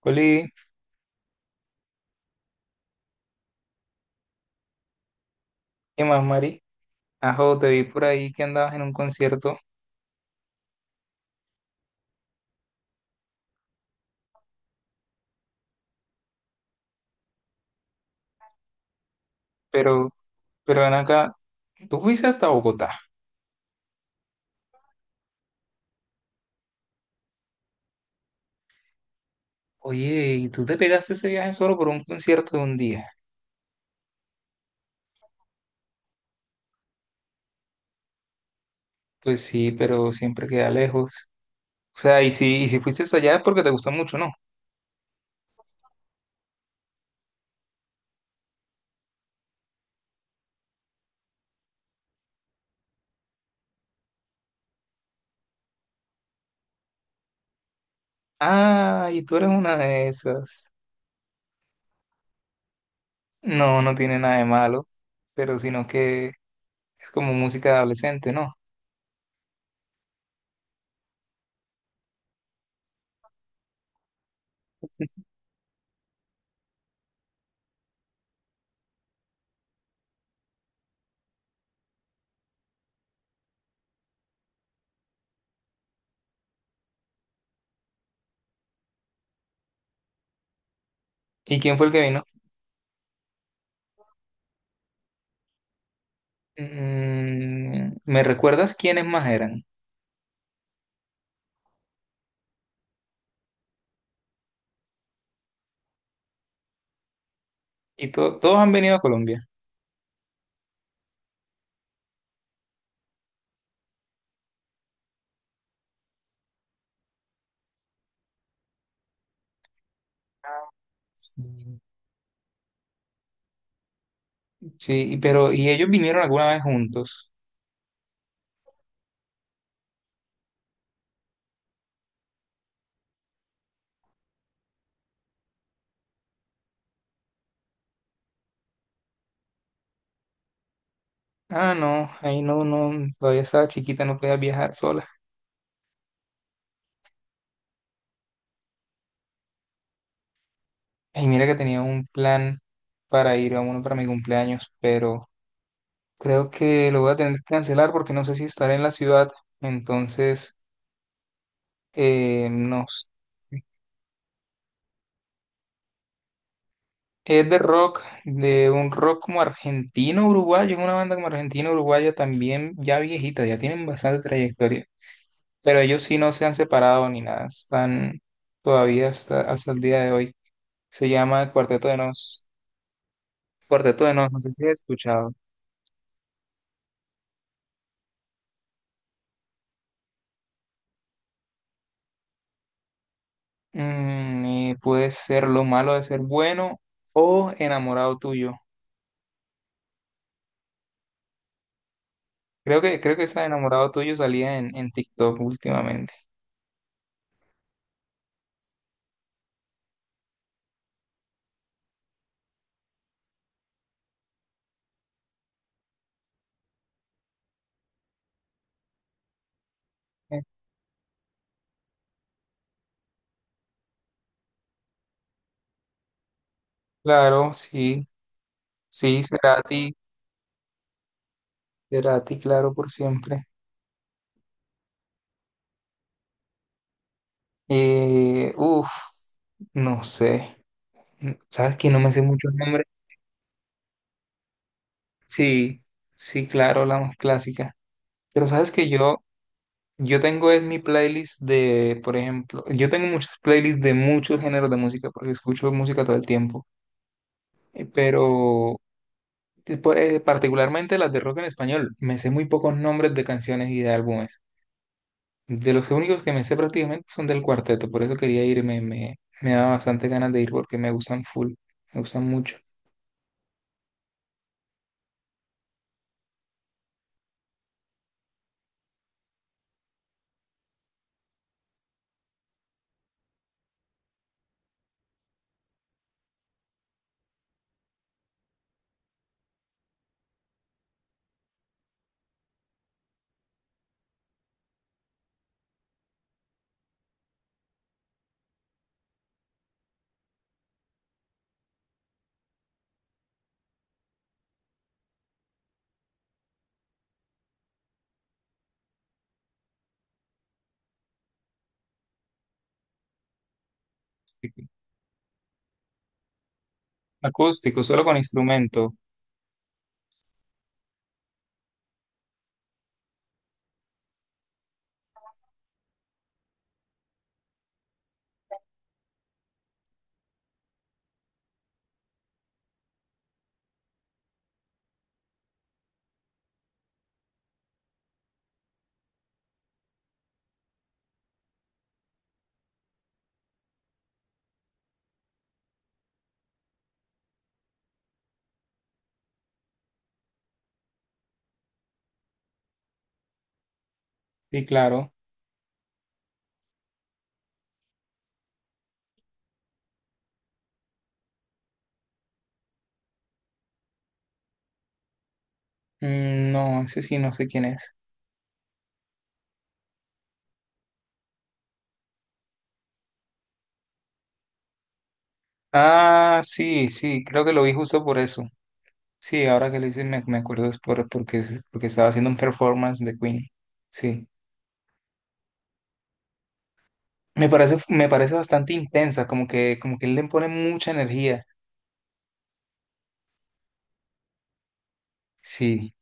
Coli, ¿qué más, Mari? Ajo, te vi por ahí que andabas en un concierto, pero, pero ven acá, tú fuiste hasta Bogotá. Oye, ¿y tú te pegaste ese viaje solo por un concierto de un día? Pues sí, pero siempre queda lejos. O sea, y si fuiste hasta allá es porque te gustó mucho, ¿no? Ah, y tú eres una de esas. No, no tiene nada de malo, pero sino que es como música de adolescente, ¿no? ¿Y quién fue el que vino? Mm, ¿me recuerdas quiénes más eran? Y todos han venido a Colombia. Sí, sí, pero ¿y ellos vinieron alguna vez juntos? Ah, no, ahí no, no, todavía estaba chiquita, no podía viajar sola. Y mira que tenía un plan para ir a uno para mi cumpleaños, pero creo que lo voy a tener que cancelar porque no sé si estaré en la ciudad. Entonces, no sé. Es de rock, de un rock como argentino-uruguayo, es una banda como argentino-uruguaya también ya viejita, ya tienen bastante trayectoria. Pero ellos sí no se han separado ni nada, están todavía hasta el día de hoy. Se llama Cuarteto de Nos. Cuarteto de Nos, no sé si has escuchado. Mm, y puede ser Lo malo de ser bueno o Enamorado tuyo. Creo que esa de Enamorado tuyo salía en TikTok últimamente. Eh, Claro, sí, sí, será a claro, por siempre. Uf, no sé. ¿Sabes que no me sé muchos nombres? Sí, sí, claro, la más clásica. Pero sabes que yo tengo es mi playlist de, por ejemplo, yo tengo muchas playlists de muchos géneros de música porque escucho música todo el tiempo. Pero particularmente las de rock en español, me sé muy pocos nombres de canciones y de álbumes. De los únicos que me sé prácticamente son del cuarteto, por eso quería irme, me da bastante ganas de ir porque me gustan full, me gustan mucho. Acústico, solo con instrumento. Sí, claro. Mm, no, ese sí, no sé quién es. Ah, sí, sí, creo que lo vi justo por eso. Sí, ahora que lo hice me, me acuerdo es por, porque, porque estaba haciendo un performance de Queen. Sí. Me parece bastante intensa, como que él le pone mucha energía. Sí.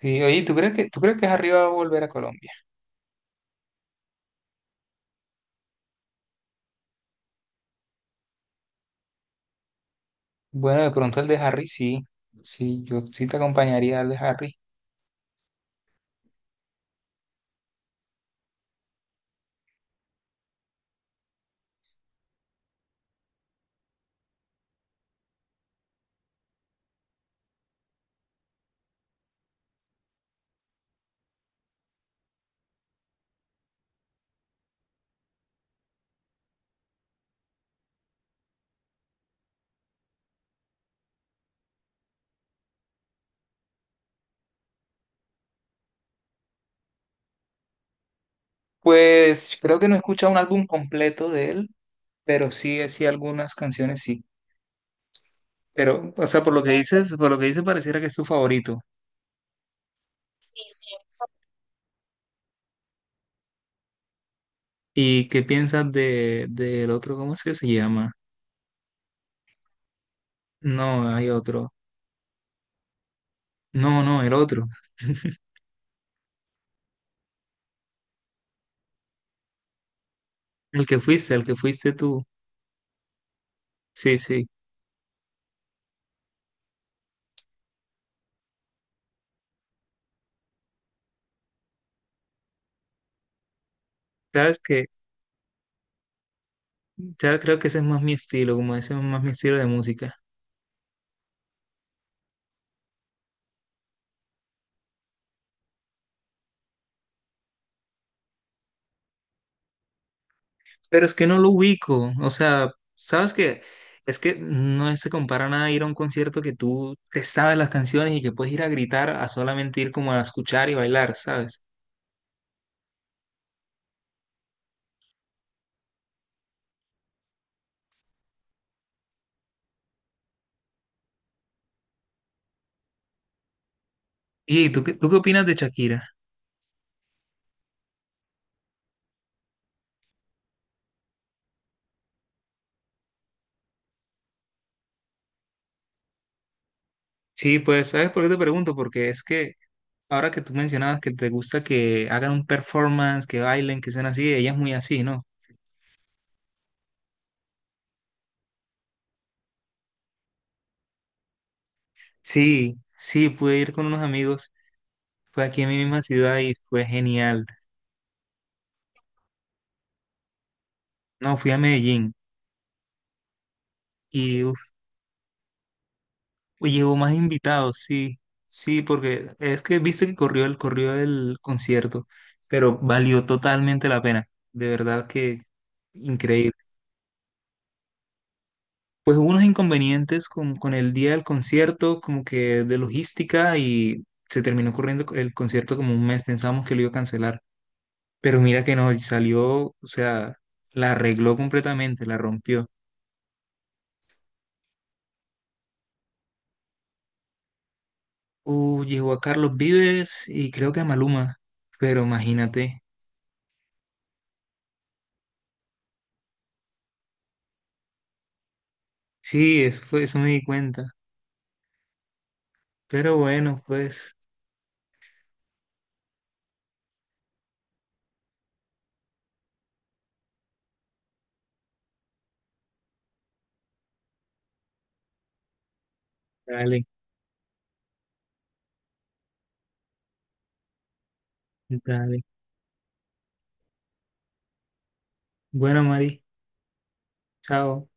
Sí, oye, tú crees que Harry va a volver a Colombia? Bueno, de pronto el de Harry sí. Sí, yo sí te acompañaría al de Harry. Pues creo que no he escuchado un álbum completo de él. Pero sí, sí, algunas canciones sí. Pero, o sea, por lo que dices, por lo que dices, pareciera que es tu favorito. ¿Y qué piensas de, del otro? ¿Cómo es que se llama? No, hay otro. No, no, el otro. El que fuiste tú. Sí, sí. Sabes que, ya creo que ese es más mi estilo, como ese es más mi estilo de música. Pero es que no lo ubico. O sea, sabes que es que no se compara nada a ir a un concierto que tú te sabes las canciones y que puedes ir a gritar a solamente ir como a escuchar y bailar, ¿sabes? ¿Y tú qué opinas de Shakira? Sí, pues, ¿sabes por qué te pregunto? Porque es que ahora que tú mencionabas que te gusta que hagan un performance, que bailen, que sean así, ella es muy así, ¿no? Sí, sí, pude ir con unos amigos, fue aquí en mi misma ciudad y fue genial. No, fui a Medellín y uf, y llevo más invitados, sí, sí, porque es que viste que corrió el concierto, pero valió totalmente la pena, de verdad que increíble. Pues hubo unos inconvenientes con el día del concierto, como que de logística, y se terminó corriendo el concierto como un mes. Pensábamos que lo iba a cancelar, pero mira que no, salió, o sea, la arregló completamente, la rompió. Llegó a Carlos Vives y creo que a Maluma, pero imagínate. Sí, eso fue, eso me di cuenta. Pero bueno, pues, dale, dale. Bueno, Mari, chao.